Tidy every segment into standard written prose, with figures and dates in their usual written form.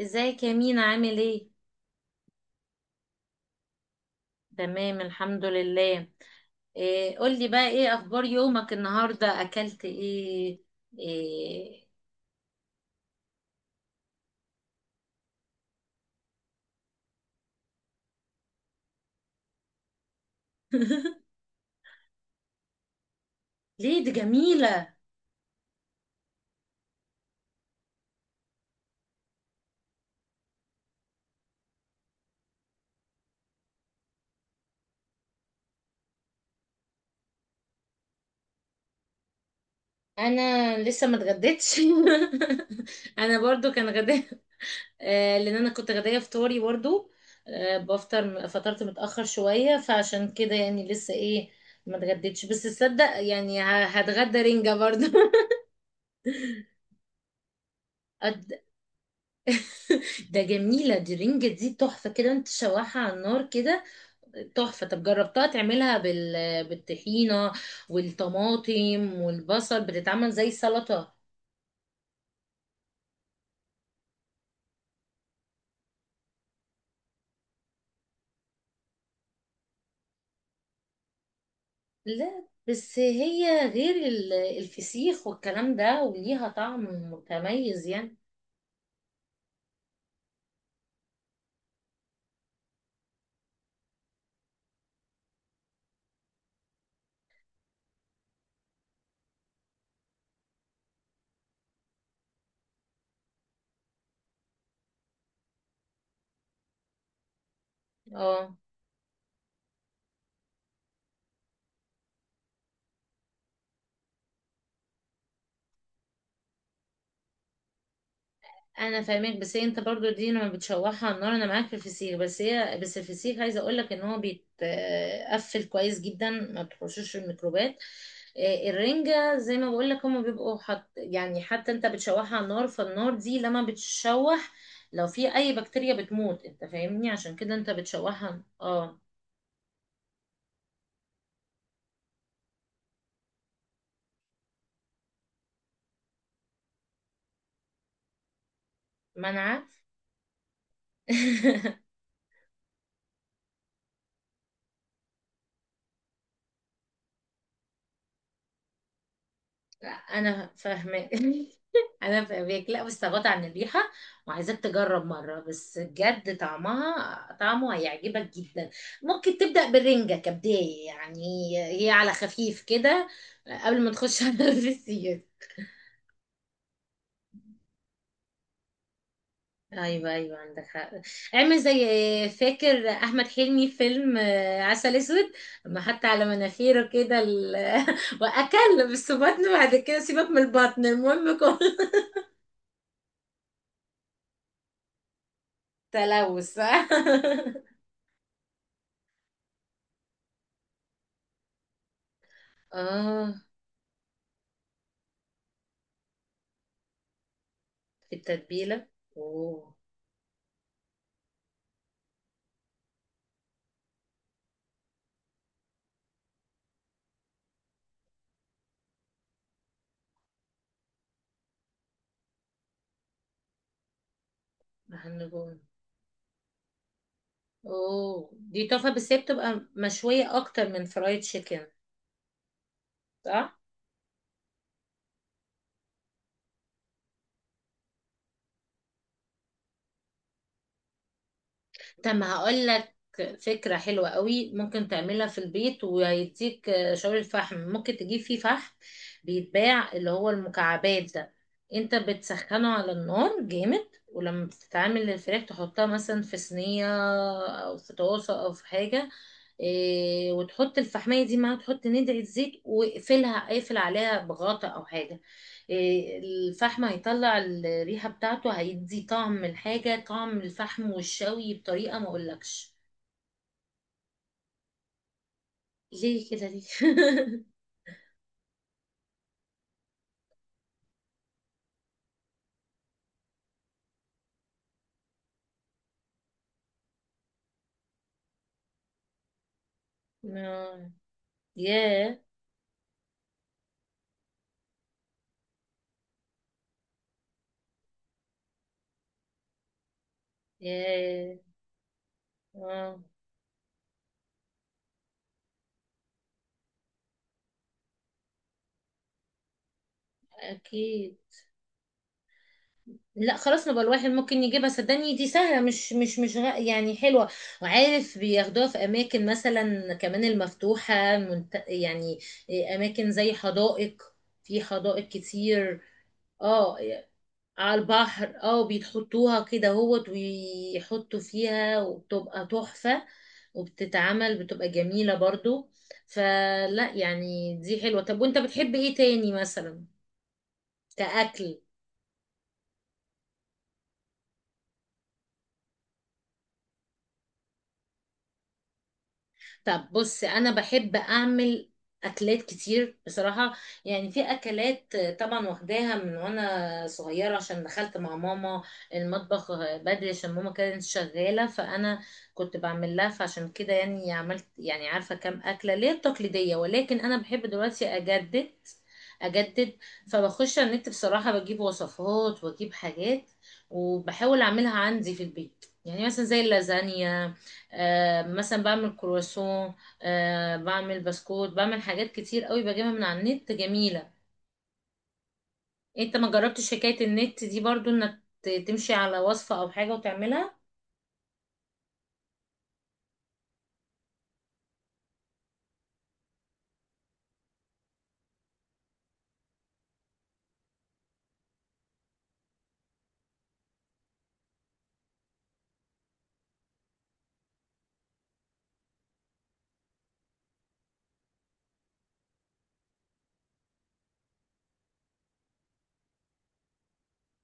ازيك يا مينا؟ عامل ايه؟ تمام الحمد لله. إيه قولي بقى، ايه اخبار يومك النهارده؟ اكلت ايه؟ إيه؟ ليه؟ دي جميله. انا لسه ما اتغديتش. انا برضو كان غداء. آه لان انا كنت غدايه فطاري برضو. آه بفطر، فطرت متاخر شويه فعشان كده يعني لسه ايه، ما اتغديتش. بس تصدق يعني هتغدى رنجه برضو. أت- ده جميلة، دي رنجة دي تحفة كده، انت شواحة على النار كده. تحفة. طب جربتها تعملها بالطحينة والطماطم والبصل، بتتعمل زي سلطة. لا بس هي غير الفسيخ والكلام ده، وليها طعم متميز يعني. اه انا فاهمك، بس هي انت برضو دي لما بتشوحها على النار. انا معاك في الفسيخ بس هي، بس الفسيخ عايزه اقول لك ان هو بيتقفل كويس جدا، ما بتخشوش الميكروبات. آه، الرنجه زي ما بقول لك هما بيبقوا حط يعني، حتى انت بتشوحها على النار، فالنار دي لما بتشوح لو في اي بكتيريا بتموت، انت فاهمني؟ عشان كده انت بتشوحها. اه. منعه. لا انا فاهمك. انا فاهمك. لا بس غطى عن الريحه، وعايزاك تجرب مره بس بجد، طعمها طعمه هيعجبك جدا. ممكن تبدا بالرنجه كبدايه يعني، هي على خفيف كده، قبل ما تخش على الفسيخ. ايوه ايوه، عندك حق. اعمل زي، فاكر احمد حلمي في فيلم آه، عسل اسود؟ ما حتى على مناخيره كده واكل. بس بطنه بعد كده سيبك من البطن، المهم كل. تلوث. اه، في التتبيلة. اوه. محل جون. اوه دي تحفة، بس هي بتبقى مشوية اكتر من فرايد تشيكن، صح؟ طب ما هقول لك فكرة حلوة قوي، ممكن تعملها في البيت وهيديك آه، شاور الفحم. ممكن تجيب فيه فحم، بيتباع اللي هو المكعبات ده. انت بتسخنه على النار جامد، ولما بتتعمل الفراخ تحطها مثلا في صينية او في طاسة او في حاجة، إيه، وتحط الفحمية دي معاها، تحط ندعي زيت واقفلها، اقفل عليها بغطا او حاجة. إيه، الفحم هيطلع الريحة بتاعته، هيدي طعم الحاجة طعم الفحم والشوي بطريقة ما اقولكش. ليه كده ليه؟ آه، ياه، ياه. اه. اكيد. لا خلاص، نبقى الواحد ممكن يجيبها، صدقني دي سهلة، مش مش يعني حلوة. وعارف بياخدوها في أماكن مثلا كمان المفتوحة يعني إيه، أماكن زي حدائق. في حدائق كتير. اه على البحر. اه بيتحطوها كده هوت، ويحطوا فيها وبتبقى تحفة، وبتتعمل بتبقى جميلة برضو. فلا يعني دي حلوة. طب وانت بتحب ايه تاني مثلا كأكل؟ طب بص، انا بحب اعمل اكلات كتير بصراحه. يعني في اكلات طبعا واخداها من وانا صغيره، عشان دخلت مع ماما المطبخ بدري، عشان ماما كانت شغاله، فانا كنت بعمل لها. فعشان كده يعني عملت، يعني عارفه كام اكله ليه التقليديه، ولكن انا بحب دلوقتي اجدد، اجدد. فبخش على النت بصراحه، بجيب وصفات واجيب حاجات وبحاول اعملها عندي في البيت، يعني مثلا زي اللازانيا. آه، مثلا بعمل كرواسون، آه، بعمل بسكوت، بعمل حاجات كتير قوي بجيبها من على النت جميلة. انت ما جربتش حكاية النت دي برضو؟ انك تمشي على وصفة او حاجة وتعملها؟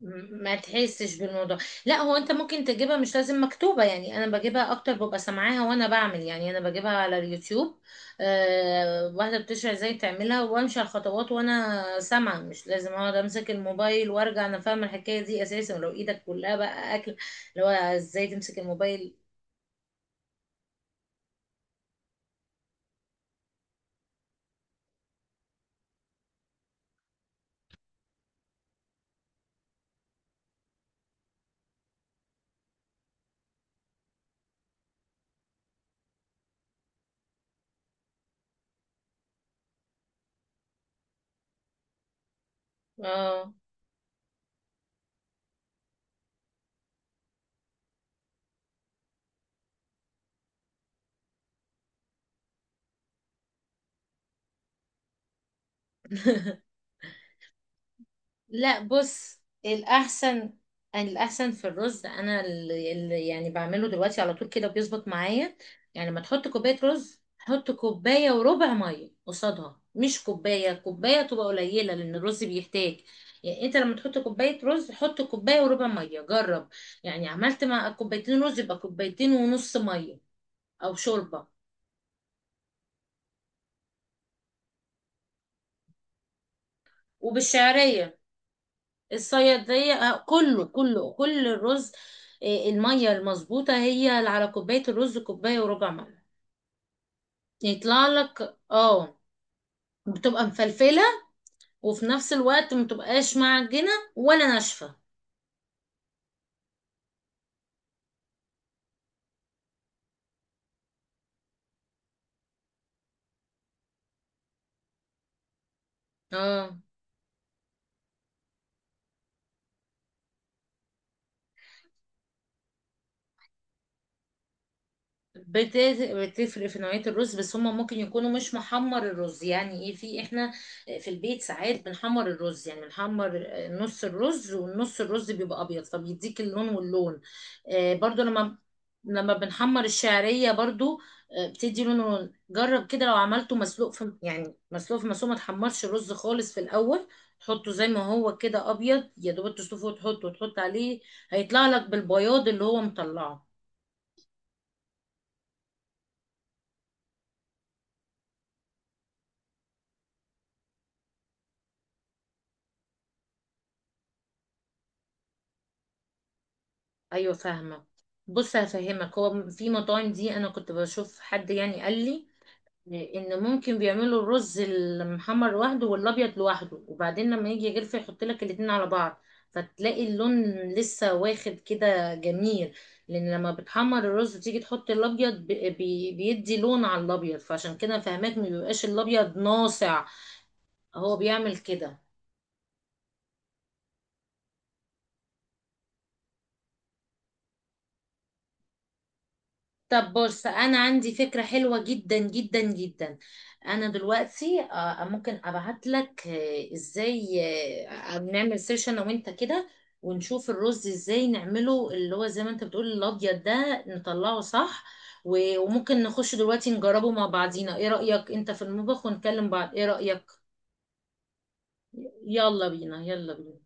ما تحسش بالموضوع؟ لا هو انت ممكن تجيبها مش لازم مكتوبة. يعني انا بجيبها اكتر ببقى سامعاها وانا بعمل، يعني انا بجيبها على اليوتيوب. أه واحدة بتشرح ازاي تعملها، وامشي على الخطوات وانا سامعة، مش لازم اقعد امسك الموبايل. وارجع انا فاهمة الحكاية دي اساسا، ولو ايدك كلها بقى اكل، اللي هو ازاي تمسك الموبايل؟ اه. لا بص، الأحسن الأحسن في الرز، أنا اللي يعني بعمله دلوقتي على طول كده بيظبط معايا. يعني لما تحط كوباية رز، حط كوباية وربع مية قصادها، مش كوباية كوباية، تبقى قليلة لأن الرز بيحتاج. يعني أنت لما تحط كوباية رز، حط كوباية وربع مية، جرب. يعني عملت مع كوبايتين رز، يبقى كوبايتين ونص مية أو شوربة. وبالشعرية الصيادية آه، كله كله كل الرز آه، المية المظبوطة هي اللي على كوباية الرز كوباية وربع مية. يطلع لك اه، بتبقى مفلفلة وفي نفس الوقت متبقاش معجنة ولا ناشفة. اه بت- بتفرق في نوعية الرز، بس هما ممكن يكونوا مش محمر الرز. يعني ايه؟ في احنا في البيت ساعات بنحمر الرز، يعني بنحمر نص الرز والنص الرز بيبقى ابيض، فبيديك اللون واللون. آه برضو لما بنحمر الشعرية برضو آه، بتدي لون ولون. جرب كده لو عملته مسلوق، في يعني مسلوق، في مسلوق ما تحمرش الرز خالص في الاول، تحطه زي ما هو كده ابيض، يا دوب تسلقه وتحطه وتحط عليه. هيطلع لك بالبياض اللي هو مطلعه. ايوه فاهمه. بص هفهمك، هو في مطاعم دي انا كنت بشوف حد يعني قال لي ان ممكن بيعملوا الرز المحمر لوحده والابيض لوحده، وبعدين لما يجي يغلف يحط لك الاتنين على بعض، فتلاقي اللون لسه واخد كده جميل. لان لما بتحمر الرز وتيجي تحط الابيض بيدي لون على الابيض، فعشان كده فهماك ما بيبقاش الابيض ناصع. هو بيعمل كده. طب بص انا عندي فكرة حلوة جدا جدا جدا. انا دلوقتي آه، ممكن ابعت لك آه، ازاي، آه، نعمل سيرش انا وانت كده، ونشوف الرز ازاي نعمله اللي هو زي ما انت بتقول، الابيض ده نطلعه صح. وممكن نخش دلوقتي نجربه مع بعضينا، ايه رأيك؟ انت في المطبخ ونكلم بعض، ايه رأيك؟ يلا بينا. يلا بينا.